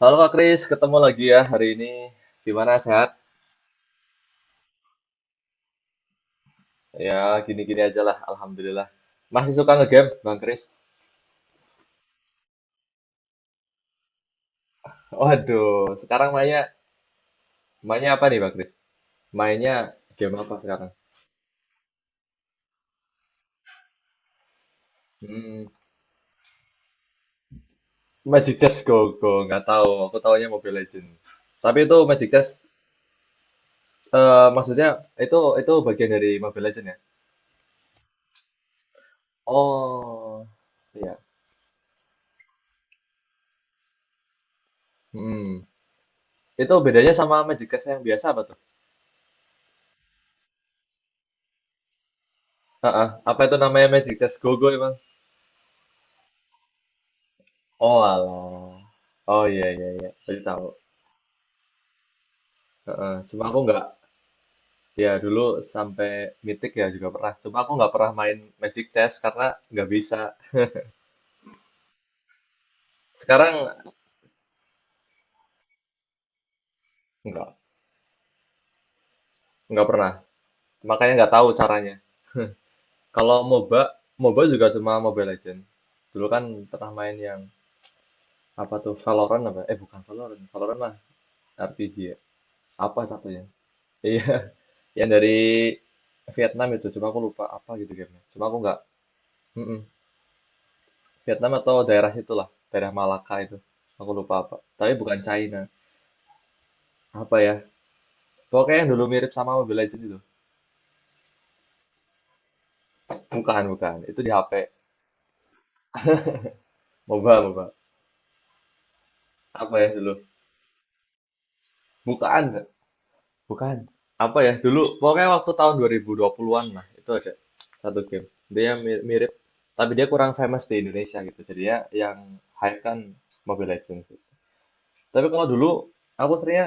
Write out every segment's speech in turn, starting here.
Halo Kak Kris, ketemu lagi ya hari ini. Gimana sehat? Ya, gini-gini aja lah, Alhamdulillah. Masih suka ngegame, Bang Kris? Waduh, sekarang mainnya, mainnya apa nih Bang Kris? Mainnya game apa sekarang? Hmm, Magic Chess Go Go, nggak tahu. Aku taunya Mobile Legend. Tapi itu Magic Chess, eh, maksudnya itu bagian dari Mobile Legend ya? Oh, iya. Hmm. Itu bedanya sama Magic Chess yang biasa apa tuh? Heeh, apa itu namanya Magic Chess Go Go. Oh alah. Oh iya iya iya, berarti tahu. Heeh. Cuma aku nggak, ya dulu sampai mitik ya juga pernah. Cuma aku nggak pernah main Magic Chess karena nggak bisa. Sekarang nggak nggak pernah. Makanya nggak tahu caranya. Kalau MOBA, MOBA juga cuma Mobile Legend. Dulu kan pernah main yang apa tuh Valorant apa? Eh bukan Valorant, Valorant lah RPG ya. Apa satunya? Iya, yang dari Vietnam itu. Cuma aku lupa apa gitu gamenya. Cuma aku nggak. Vietnam atau daerah itulah, daerah Malaka itu. Aku lupa apa. Tapi bukan China. Apa ya? Pokoknya yang dulu mirip sama Mobile Legends itu. Bukan, bukan. Itu di HP. MOBA, MOBA. Apa ya dulu? Bukan, bukan. Apa ya? Dulu, pokoknya waktu tahun 2020-an lah. Itu ada satu game. Dia mirip, tapi dia kurang famous di Indonesia gitu. Jadi ya yang hype kan Mobile Legends. Tapi kalau dulu, aku seringnya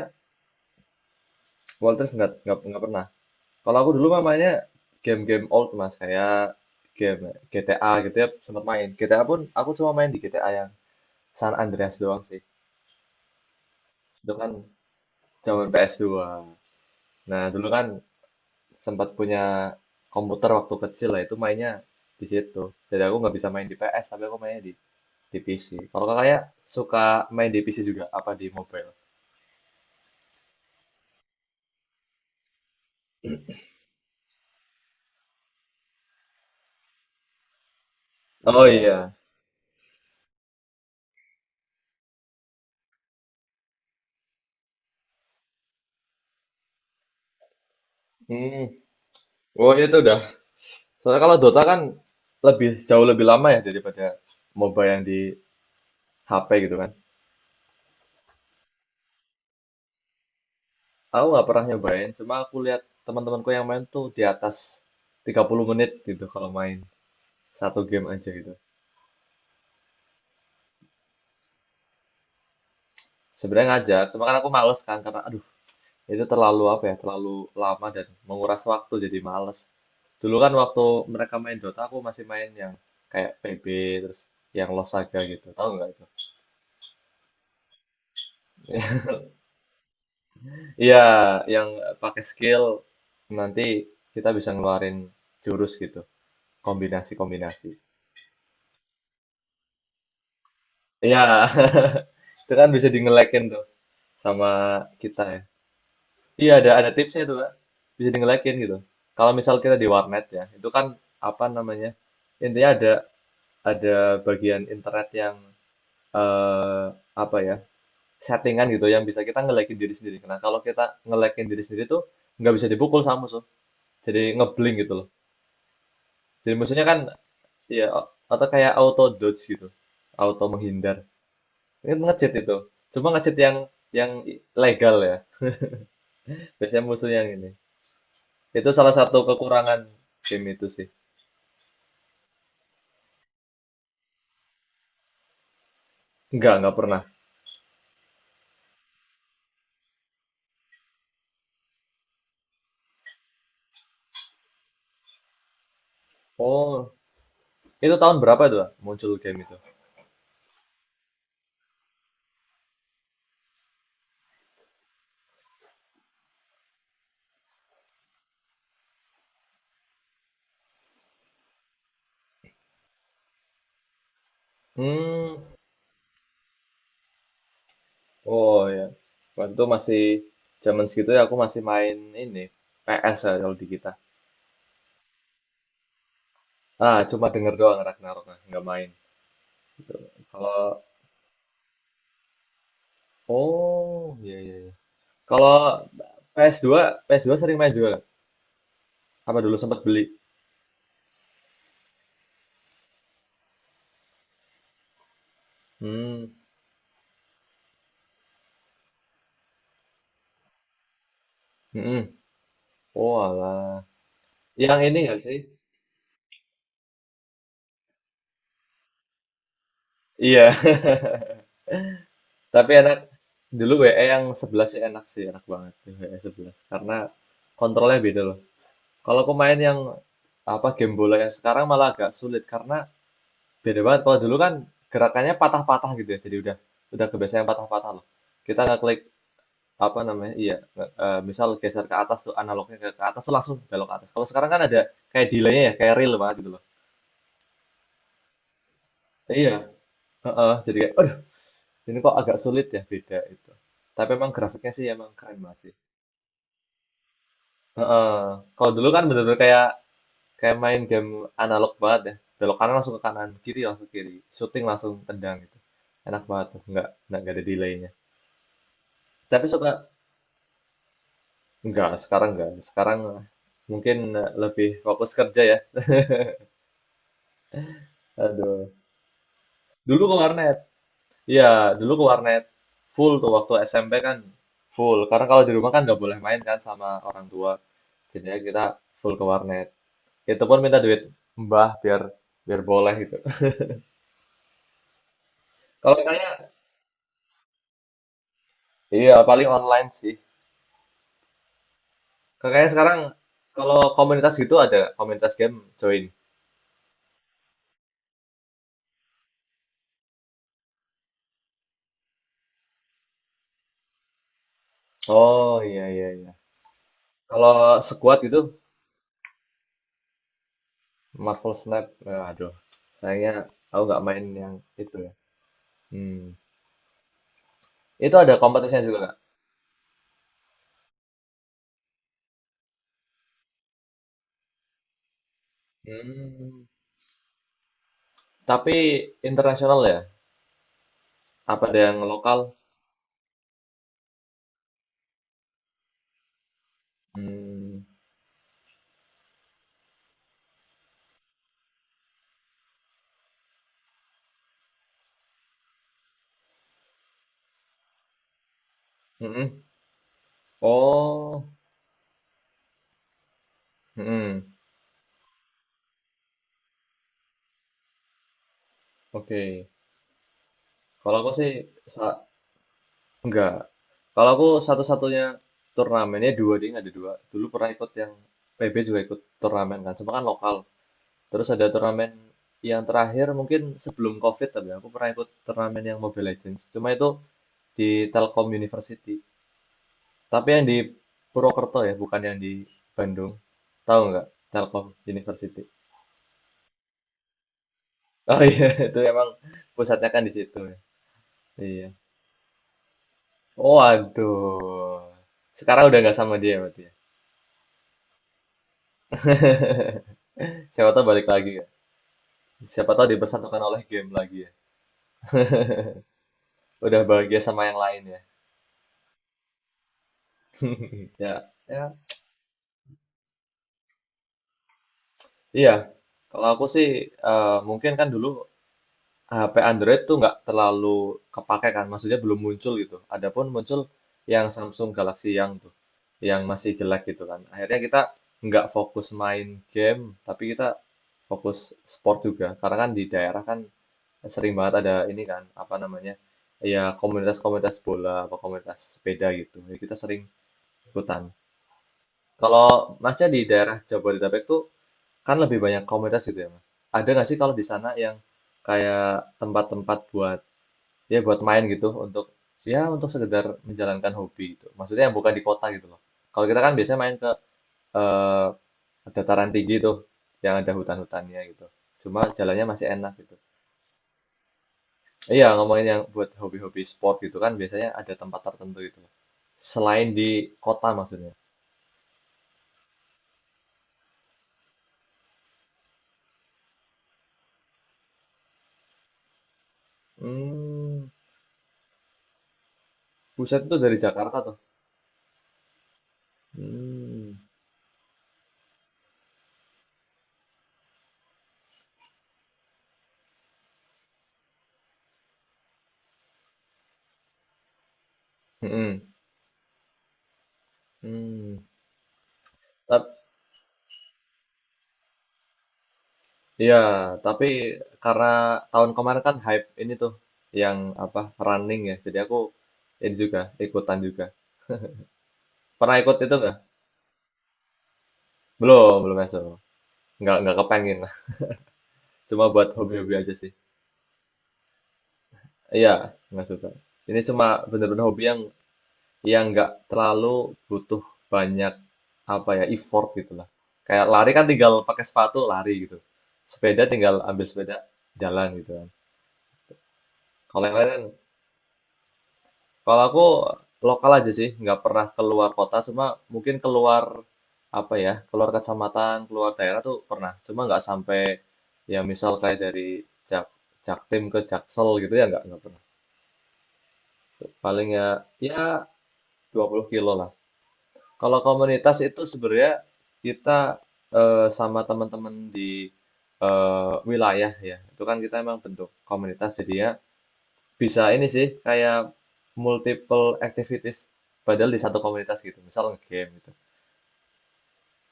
World Rift nggak pernah. Kalau aku dulu mah game-game old mas kayak game GTA gitu ya sempat main. GTA pun aku cuma main di GTA yang San Andreas doang sih. Itu kan zaman PS2. Nah dulu kan sempat punya komputer waktu kecil lah itu mainnya di situ. Jadi aku nggak bisa main di PS tapi aku mainnya di PC. Kalau kakaknya suka main di PC juga apa di mobile? Oh iya. Hmm. Oh itu udah. Soalnya kalau Dota kan lebih jauh lebih lama ya daripada MOBA yang di HP gitu kan. Aku nggak pernah nyobain, cuma aku lihat teman-temanku yang main tuh di atas 30 menit gitu kalau main satu game aja gitu. Sebenarnya ngajar, cuma kan aku males kan karena aduh itu terlalu apa ya, terlalu lama dan menguras waktu jadi males. Dulu kan waktu mereka main Dota aku masih main yang kayak PB terus yang Lost Saga gitu, tahu nggak itu? Iya, yang pakai skill nanti kita bisa ngeluarin jurus gitu, kombinasi-kombinasi. Iya, itu kan bisa di ngelekin tuh sama kita ya. Iya ada tipsnya itu Kak. Bisa di ngelekin gitu. Kalau misal kita di warnet ya, itu kan apa namanya? Intinya ada bagian internet yang eh apa ya? Settingan gitu yang bisa kita ngelekin diri sendiri. Nah, kalau kita ngelekin diri sendiri tuh nggak bisa dipukul sama musuh. Jadi ngeblank gitu loh. Jadi musuhnya kan ya atau kayak auto dodge gitu. Auto menghindar. Itu nge-cheat itu. Cuma nge-cheat yang legal ya. Biasanya musuhnya yang ini. Itu salah satu kekurangan game itu sih. Enggak pernah. Oh, itu tahun berapa itu Pak, muncul game itu? Hmm, oh ya. Waktu itu masih zaman segitu ya aku masih main ini PS ya kalau di kita. Ah, cuma denger doang Ragnarok, nah, nggak main. Kalau oh, iya iya iya. Kalau PS2, ps dua PS2 sering main juga. Nggak? Apa dulu sempat beli? Hmm, mm-mm. Oh, alah. Yang ini nggak sih? Iya. Tapi enak. Dulu WE yang 11 sih, enak banget yang WE 11. Karena kontrolnya beda loh. Kalau pemain yang apa game bola yang sekarang malah agak sulit karena beda banget. Kalau dulu kan gerakannya patah-patah gitu ya. Jadi udah kebiasaan yang patah-patah loh. Kita nggak klik apa namanya? Iya, misal geser ke atas tuh analognya ke atas tuh langsung belok ke atas. Kalau sekarang kan ada kayak delay-nya ya, kayak real banget gitu loh. Iya, heeh, jadi kayak ini kok agak sulit ya beda itu. Tapi emang grafiknya sih emang keren masih. Heeh. Kalau dulu kan bener-bener kayak kayak main game analog banget ya. Belok kanan langsung ke kanan, kiri langsung kiri, shooting langsung tendang gitu. Enak banget tuh, nggak ada delaynya. Tapi suka nggak. Sekarang eh, mungkin eh, lebih fokus kerja ya. Aduh. Dulu ke warnet. Iya, dulu ke warnet. Full tuh waktu SMP kan full. Karena kalau di rumah kan nggak boleh main kan sama orang tua. Jadinya kita full ke warnet. Itu pun minta duit mbah biar biar boleh gitu. Kalau kayaknya? Iya paling online sih. Kakaknya sekarang kalau komunitas gitu ada komunitas game join. Oh iya iya iya. Kalau squad gitu Marvel Snap, ya, aduh. Kayaknya aku nggak main yang itu ya. Hmm. Itu ada kompetisinya juga nggak? Hmm. Tapi internasional ya? Apa ada yang lokal? Hmm. Mm-mm. Oh. Mm-mm. Oke. Kalau aku sih sa- Enggak. Kalau aku satu-satunya turnamennya dua ding ada dua. Dulu pernah ikut yang PB juga ikut turnamen kan, cuma kan lokal. Terus ada turnamen yang terakhir mungkin sebelum COVID tapi aku pernah ikut turnamen yang Mobile Legends. Cuma itu di Telkom University. Tapi yang di Purwokerto ya, bukan yang di Bandung. Tahu nggak? Telkom University. Oh iya, itu emang pusatnya kan di situ ya. Iya. Oh, aduh. Sekarang udah nggak sama dia berarti ya. Siapa tahu balik lagi ya. Siapa tahu dipersatukan oleh game lagi ya. Udah bahagia sama yang lain ya. Ya, ya. Iya. Kalau aku sih eh, mungkin kan dulu HP Android tuh nggak terlalu kepake kan, maksudnya belum muncul gitu. Adapun muncul yang Samsung Galaxy yang tuh, yang masih jelek gitu kan. Akhirnya kita nggak fokus main game, tapi kita fokus sport juga. Karena kan di daerah kan sering banget ada ini kan apa namanya ya komunitas-komunitas bola atau komunitas sepeda gitu jadi kita sering ikutan kalau masnya di daerah Jabodetabek tuh kan lebih banyak komunitas gitu ya mas ada nggak sih kalau di sana yang kayak tempat-tempat buat ya buat main gitu untuk ya untuk sekedar menjalankan hobi gitu maksudnya yang bukan di kota gitu loh kalau kita kan biasanya main ke eh, dataran tinggi tuh yang ada hutan-hutannya gitu cuma jalannya masih enak gitu. Iya, ngomongin yang buat hobi-hobi sport gitu kan biasanya ada tempat tertentu gitu. Selain di kota maksudnya. Hmm, buset itu dari Jakarta tuh. Hmm, hmm, hmm. Tap, ya, tapi karena tahun kemarin kan hype ini tuh yang apa running ya, jadi aku ini juga ikutan juga. Pernah ikut itu nggak? Belum, belum masuk. Nggak kepengen. Cuma buat hobi-hobi aja sih. Iya, nggak suka. Ini cuma bener-bener hobi yang nggak terlalu butuh banyak apa ya effort gitu lah. Kayak lari kan tinggal pakai sepatu lari gitu. Sepeda tinggal ambil sepeda jalan gitu kan. Kalau yang lain, kan, kalau aku lokal aja sih, nggak pernah keluar kota, cuma mungkin keluar apa ya, keluar kecamatan, keluar daerah tuh pernah. Cuma nggak sampai ya misal kayak dari Jak Jaktim ke Jaksel gitu ya nggak pernah. Paling ya ya 20 kilo lah. Kalau komunitas itu sebenarnya kita eh, sama teman-teman di eh, wilayah ya. Itu kan kita emang bentuk komunitas jadi ya bisa ini sih kayak multiple activities padahal di satu komunitas gitu. Misal nge-game gitu.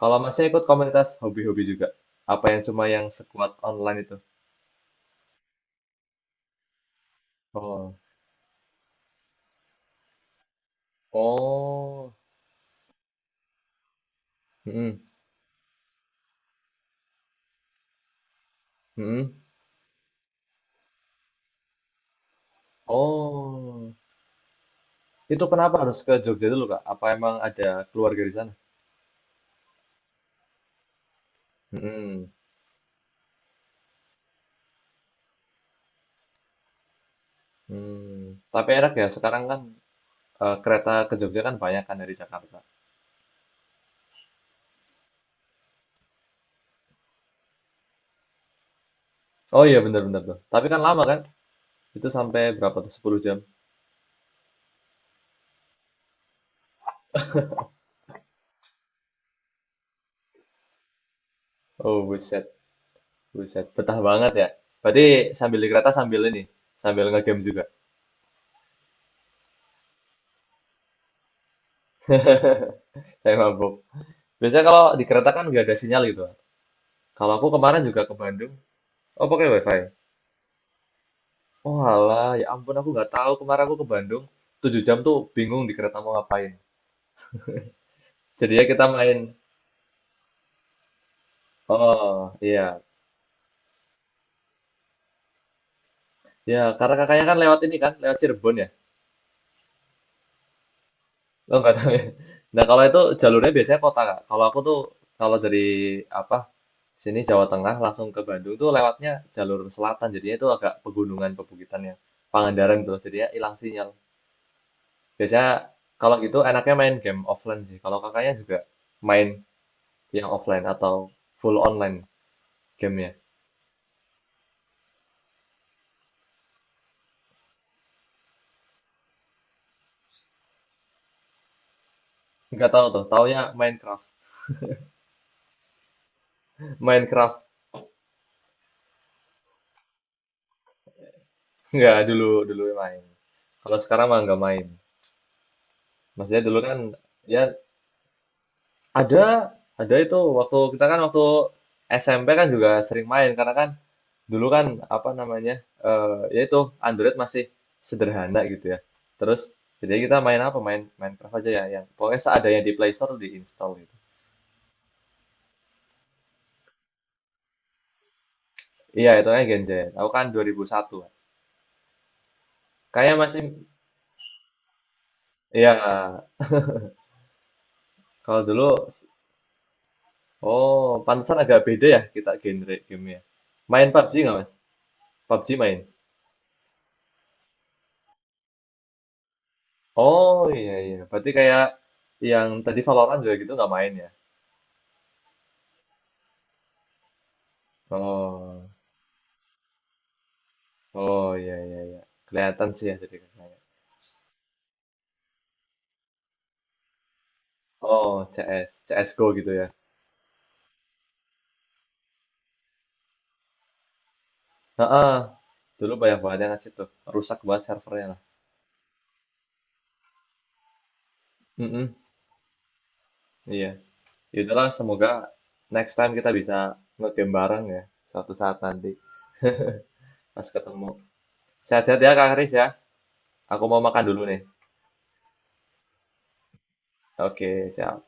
Kalau masih ikut komunitas hobi-hobi juga. Apa yang cuma yang sekuat online itu? Oh. Oh. Mm-mm. Oh. Itu kenapa harus ke Jogja dulu, Kak? Apa emang ada keluarga di sana? Mm. Hmm, tapi enak ya sekarang kan eh, kereta ke Jogja kan banyak kan dari Jakarta. Oh iya bener-bener tuh. Tapi kan lama kan? Itu sampai berapa tuh 10 jam? Oh buset, buset. Betah banget ya. Berarti sambil di kereta sambil ini, sambil ngegame juga. Saya mabuk. Biasanya kalau di kereta kan nggak ada sinyal gitu. Kalau aku kemarin juga ke Bandung, oh pakai WiFi. Oh alah, ya ampun aku nggak tahu kemarin aku ke Bandung 7 jam tuh bingung di kereta mau ngapain. Jadinya kita main. Oh iya. Ya, karena kakaknya kan lewat ini kan, lewat Cirebon ya. Lo nggak tahu ya. Nah, kalau itu jalurnya biasanya kota, Kak. Kalau aku tuh, kalau dari apa sini Jawa Tengah langsung ke Bandung tuh lewatnya jalur selatan. Jadinya itu agak pegunungan, pebukitannya. Pangandaran gitu. Jadinya hilang sinyal. Biasanya kalau gitu enaknya main game offline sih. Kalau kakaknya juga main yang offline atau full online gamenya. Nggak tahu tuh, taunya Minecraft. Minecraft. Nggak, dulu dulu main. Kalau sekarang mah nggak main. Maksudnya dulu kan ya Ada, ada itu waktu kita kan waktu SMP kan juga sering main karena kan dulu kan apa namanya eh ya itu Android masih sederhana gitu ya. Terus jadi kita main apa? Main Minecraft aja ya yang pokoknya seadanya di Play Store diinstal gitu. Iya, itu kan Gen Z. Aku kan 2001. Kayaknya masih iya kalau dulu oh pantesan agak beda ya kita genre gamenya. Main PUBG nggak Mas? PUBG main. Oh iya iya, berarti kayak yang tadi Valorant juga gitu nggak main ya? Oh, oh ya ya ya. Kelihatan sih ya jadi kakaknya. Oh, C S CS, CS Go gitu ya. Heeh. Dulu banyak banget yang ngasih tuh. Rusak banget servernya lah. Mm-mm, iya. Yaudahlah, semoga next time kita bisa nge-game bareng ya. Suatu saat nanti pas ketemu. Sehat-sehat ya Kak Kris ya. Aku mau makan dulu nih. Oke, siap.